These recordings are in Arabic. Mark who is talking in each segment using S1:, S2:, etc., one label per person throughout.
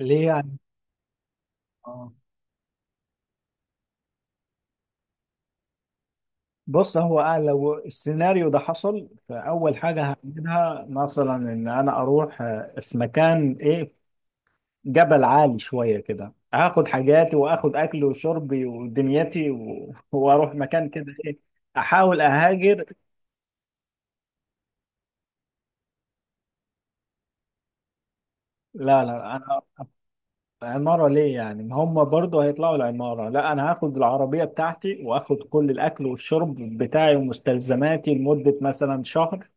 S1: ليه يعني. آه. بص، هو أنا لو السيناريو ده حصل فأول حاجة هعملها مثلا إن أنا أروح في مكان إيه، جبل عالي شوية كده. هاخد حاجاتي وآخد أكلي وشربي ودنيتي وأروح مكان كده إيه. أحاول أهاجر. لا لا، أنا عمارة ليه يعني؟ ما هم برضه هيطلعوا العمارة. لا، أنا هاخد العربية بتاعتي وآخد كل الأكل والشرب بتاعي ومستلزماتي لمدة مثلا شهر.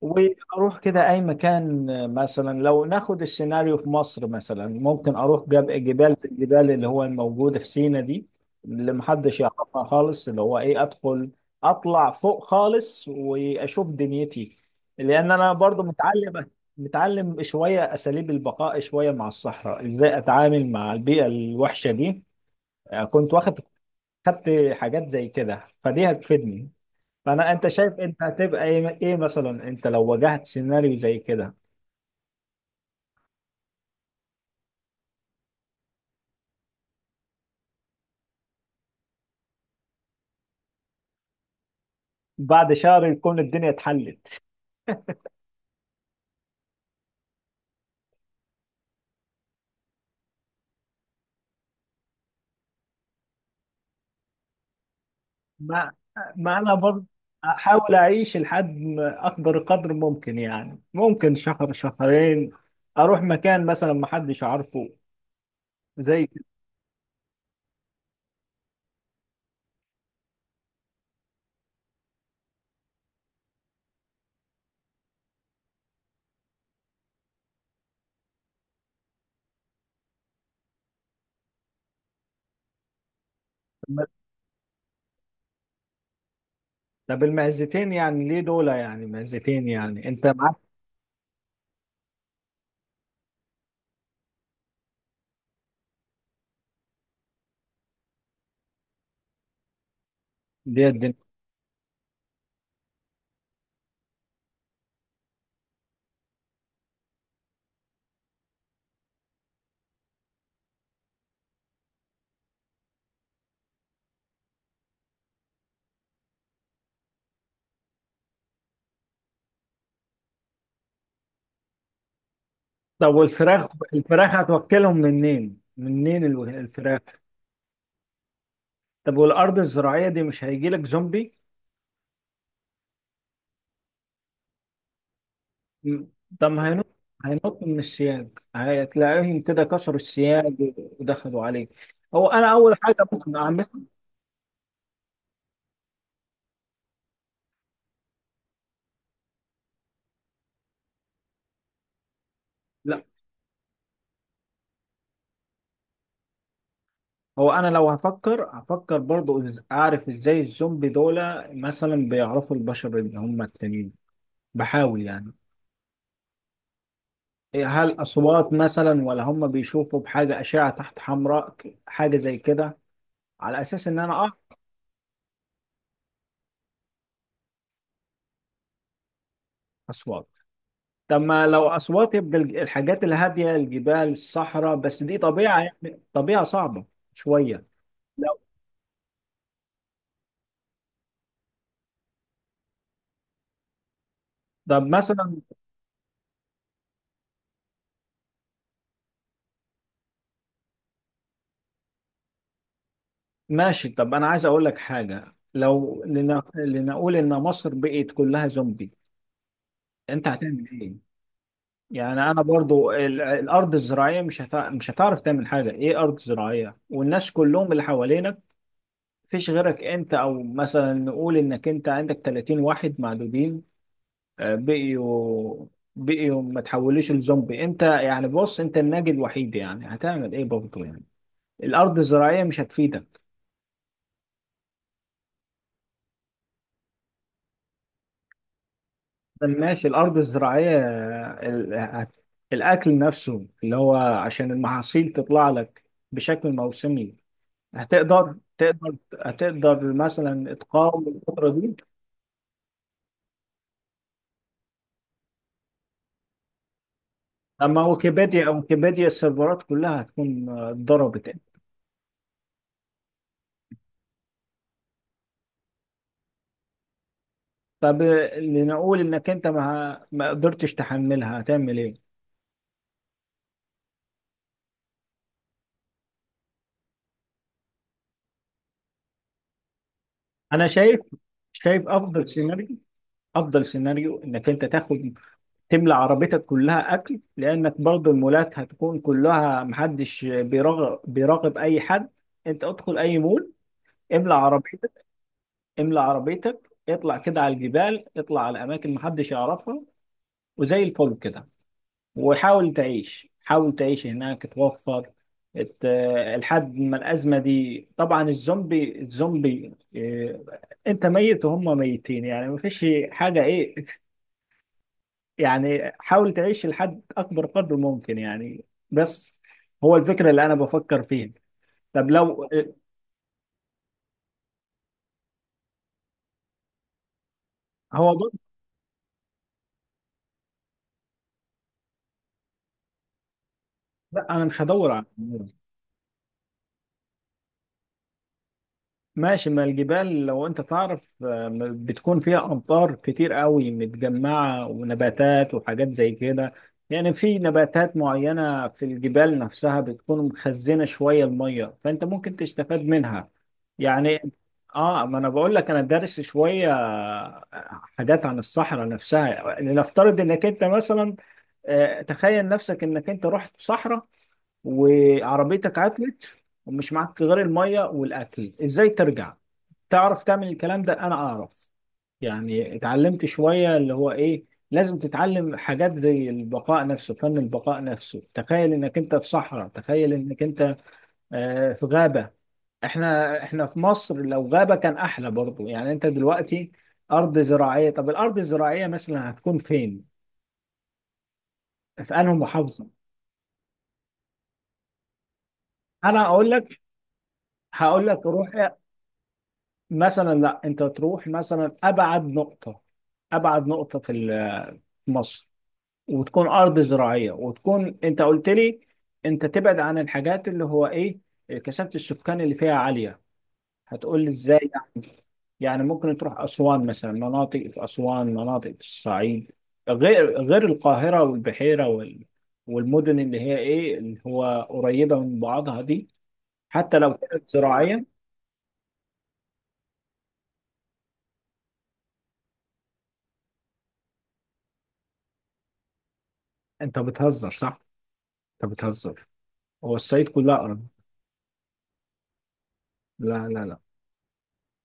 S1: واروح كده اي مكان. مثلا لو ناخد السيناريو في مصر، مثلا ممكن اروح جبال زي الجبال اللي هو الموجوده في سينا دي، اللي محدش يعرفها خالص، اللي هو ايه، ادخل اطلع فوق خالص واشوف دنيتي. لان انا برضو متعلم، متعلم شويه اساليب البقاء، شويه مع الصحراء، ازاي اتعامل مع البيئه الوحشه دي. كنت واخد، خدت حاجات زي كده فدي هتفيدني. فانا انت شايف انت هتبقى ايه، إيه مثلا انت لو واجهت سيناريو زي كده؟ بعد شهر يكون الدنيا اتحلت. ما ما انا برضه احاول اعيش لحد ما اقدر قدر ممكن، يعني ممكن شهر شهرين. اروح مكان مثلا ما حدش عارفه، زي كده. طب المعزتين يعني ليه دول، يعني معزتين يعني انت معاك؟ دي الدنيا. طب والفراخ، الفراخ هتوكلهم منين منين الفراخ؟ طب والارض الزراعيه دي مش هيجي لك زومبي؟ مم. طب ما هينط، هينط من السياج، هتلاقيهم كده كسروا السياج ودخلوا عليه. هو انا اول حاجه ممكن اعملها. لا. هو انا لو هفكر هفكر برضو اعرف ازاي الزومبي دول مثلا بيعرفوا البشر اللي هم التانيين، بحاول يعني. إيه، هل اصوات مثلا ولا هم بيشوفوا بحاجه اشعه تحت حمراء، حاجه زي كده؟ على اساس ان انا اه. اصوات. طب ما لو أصوات يبقى الحاجات الهادية، الجبال، الصحراء، بس دي طبيعة، يعني طبيعة صعبة شوية. لو طب مثلا، ماشي. طب أنا عايز أقول لك حاجة، لو لنقول إن مصر بقت كلها زومبي، أنت هتعمل إيه؟ يعني أنا برضو الأرض الزراعية مش مش هتعرف تعمل حاجة. إيه، أرض زراعية؟ والناس كلهم اللي حوالينك، مفيش غيرك أنت. أو مثلا نقول إنك أنت عندك 30 واحد معدودين، بقيوا بقيوا ما تحولوش لزومبي انت. يعني بص، انت الناجي الوحيد، يعني هتعمل ايه برضه يعني؟ الارض الزراعيه مش هتفيدك. طب ماشي، الارض الزراعيه الاكل نفسه اللي هو عشان المحاصيل تطلع لك بشكل موسمي، هتقدر تقدر هتقدر مثلا تقاوم الفتره دي؟ اما ويكيبيديا، ويكيبيديا السيرفرات كلها هتكون اتضربت. طب لنقول انك انت ما ما قدرتش تحملها هتعمل ايه؟ انا شايف، شايف افضل سيناريو، افضل سيناريو انك انت تاخد، تملى عربيتك كلها اكل، لانك برضو المولات هتكون كلها محدش بيراقب اي حد. انت ادخل اي مول، املى عربيتك، املى عربيتك، اطلع كده على الجبال، اطلع على اماكن محدش يعرفها، وزي الفل كده. وحاول تعيش، حاول تعيش هناك توفر ات- لحد ما الأزمة دي طبعا. الزومبي، الزومبي إيه، انت ميت وهم ميتين، يعني ما فيش حاجة ايه يعني. حاول تعيش لحد اكبر قدر ممكن يعني. بس. هو الفكرة اللي انا بفكر فيها. طب لو هو برضه. لا انا مش هدور على، ماشي. ما الجبال لو انت تعرف بتكون فيها امطار كتير قوي متجمعة ونباتات وحاجات زي كده. يعني في نباتات معينة في الجبال نفسها بتكون مخزنة شوية المية فانت ممكن تستفاد منها يعني. اه، ما انا بقول لك انا دارس شوية حاجات عن الصحراء نفسها. لنفترض انك انت مثلا، تخيل نفسك انك انت رحت صحراء وعربيتك عطلت ومش معاك غير المية والاكل، ازاي ترجع؟ تعرف تعمل الكلام ده؟ انا اعرف يعني. اتعلمت شوية اللي هو ايه، لازم تتعلم حاجات زي البقاء نفسه، فن البقاء نفسه. تخيل انك انت في صحراء، تخيل انك انت في غابة. احنا في مصر لو غابة كان احلى برضو يعني. انت دلوقتي ارض زراعية، طب الارض الزراعية مثلا هتكون فين؟ في انهي محافظة؟ انا اقول لك، هقول لك روح مثلا. لا انت تروح مثلا ابعد نقطة، ابعد نقطة في في مصر، وتكون ارض زراعيه. وتكون انت قلت لي انت تبعد عن الحاجات اللي هو ايه، كثافه السكان اللي فيها عاليه. هتقول لي ازاي يعني؟ يعني ممكن تروح اسوان مثلا، مناطق في اسوان، مناطق في الصعيد، غير غير القاهره والبحيره وال، والمدن اللي هي ايه اللي هو قريبه من بعضها دي، حتى لو كانت زراعيه. انت بتهزر صح، انت بتهزر. هو الصعيد كلها ارض؟ لا لا لا.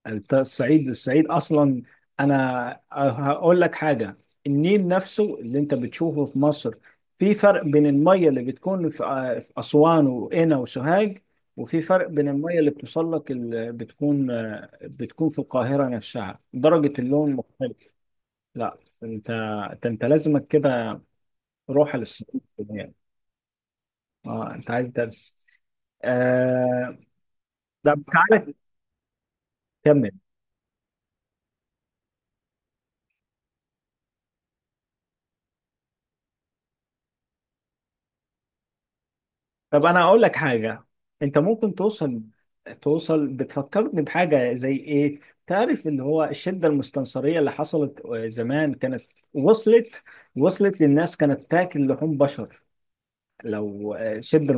S1: الصعيد، الصعيد اصلا، انا هقول لك حاجه. النيل نفسه اللي انت بتشوفه في مصر، في فرق بين الميه اللي بتكون في في اسوان وقنا وسوهاج، وفي فرق بين الميه اللي بتوصل لك اللي بتكون بتكون في القاهره نفسها، درجه اللون مختلف. لا، انت أنت لازمك كده روح للصعيد يعني. اه انت عايز درس. آه... طب تعالى كمل. طب انا اقول لك حاجه. انت ممكن توصل، توصل. بتفكرني بحاجه زي ايه، تعرف اللي هو الشده المستنصريه اللي حصلت زمان؟ كانت وصلت، وصلت للناس كانت تاكل لحوم بشر لو الشده.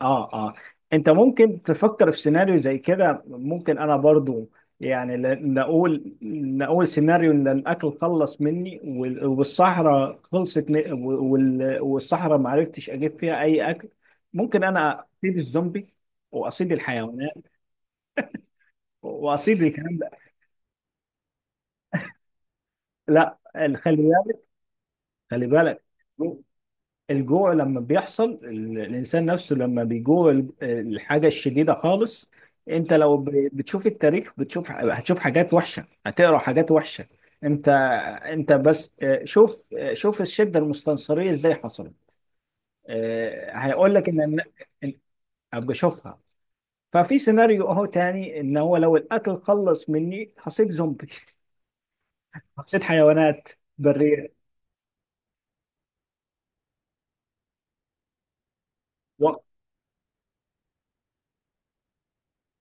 S1: اه اه، انت ممكن تفكر في سيناريو زي كده. ممكن انا برضو يعني نقول، نقول سيناريو ان الاكل خلص مني والصحراء خلصت والصحراء ما عرفتش اجيب فيها اي اكل. ممكن انا اصيد الزومبي واصيد الحيوانات واصيد الكلام ده. لا خلي بالك، خلي بالك. الجوع لما بيحصل الإنسان نفسه لما بيجوع الحاجة الشديدة خالص. أنت لو بتشوف التاريخ بتشوف، هتشوف حاجات وحشة، هتقرأ حاجات وحشة. أنت، أنت بس شوف شوف الشدة المستنصرية إزاي حصلت. هيقول لك إن إن- أبقى أشوفها. ففي سيناريو أهو تاني، إن هو لو الأكل خلص مني حصيت زومبي، حصيت حيوانات برية و-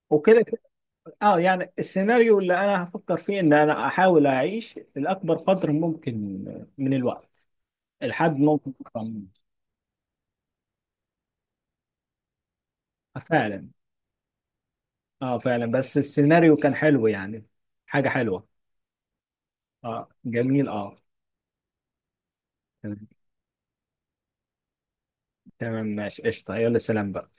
S1: وكده. اه يعني السيناريو اللي انا هفكر فيه ان انا احاول اعيش لاكبر قدر ممكن من الوقت، لحد ممكن أكتر من... فعلا. اه فعلا بس السيناريو كان حلو يعني، حاجة حلوة. اه جميل اه. تمام، تمام، ماشي قشطة، يلا سلام بقى.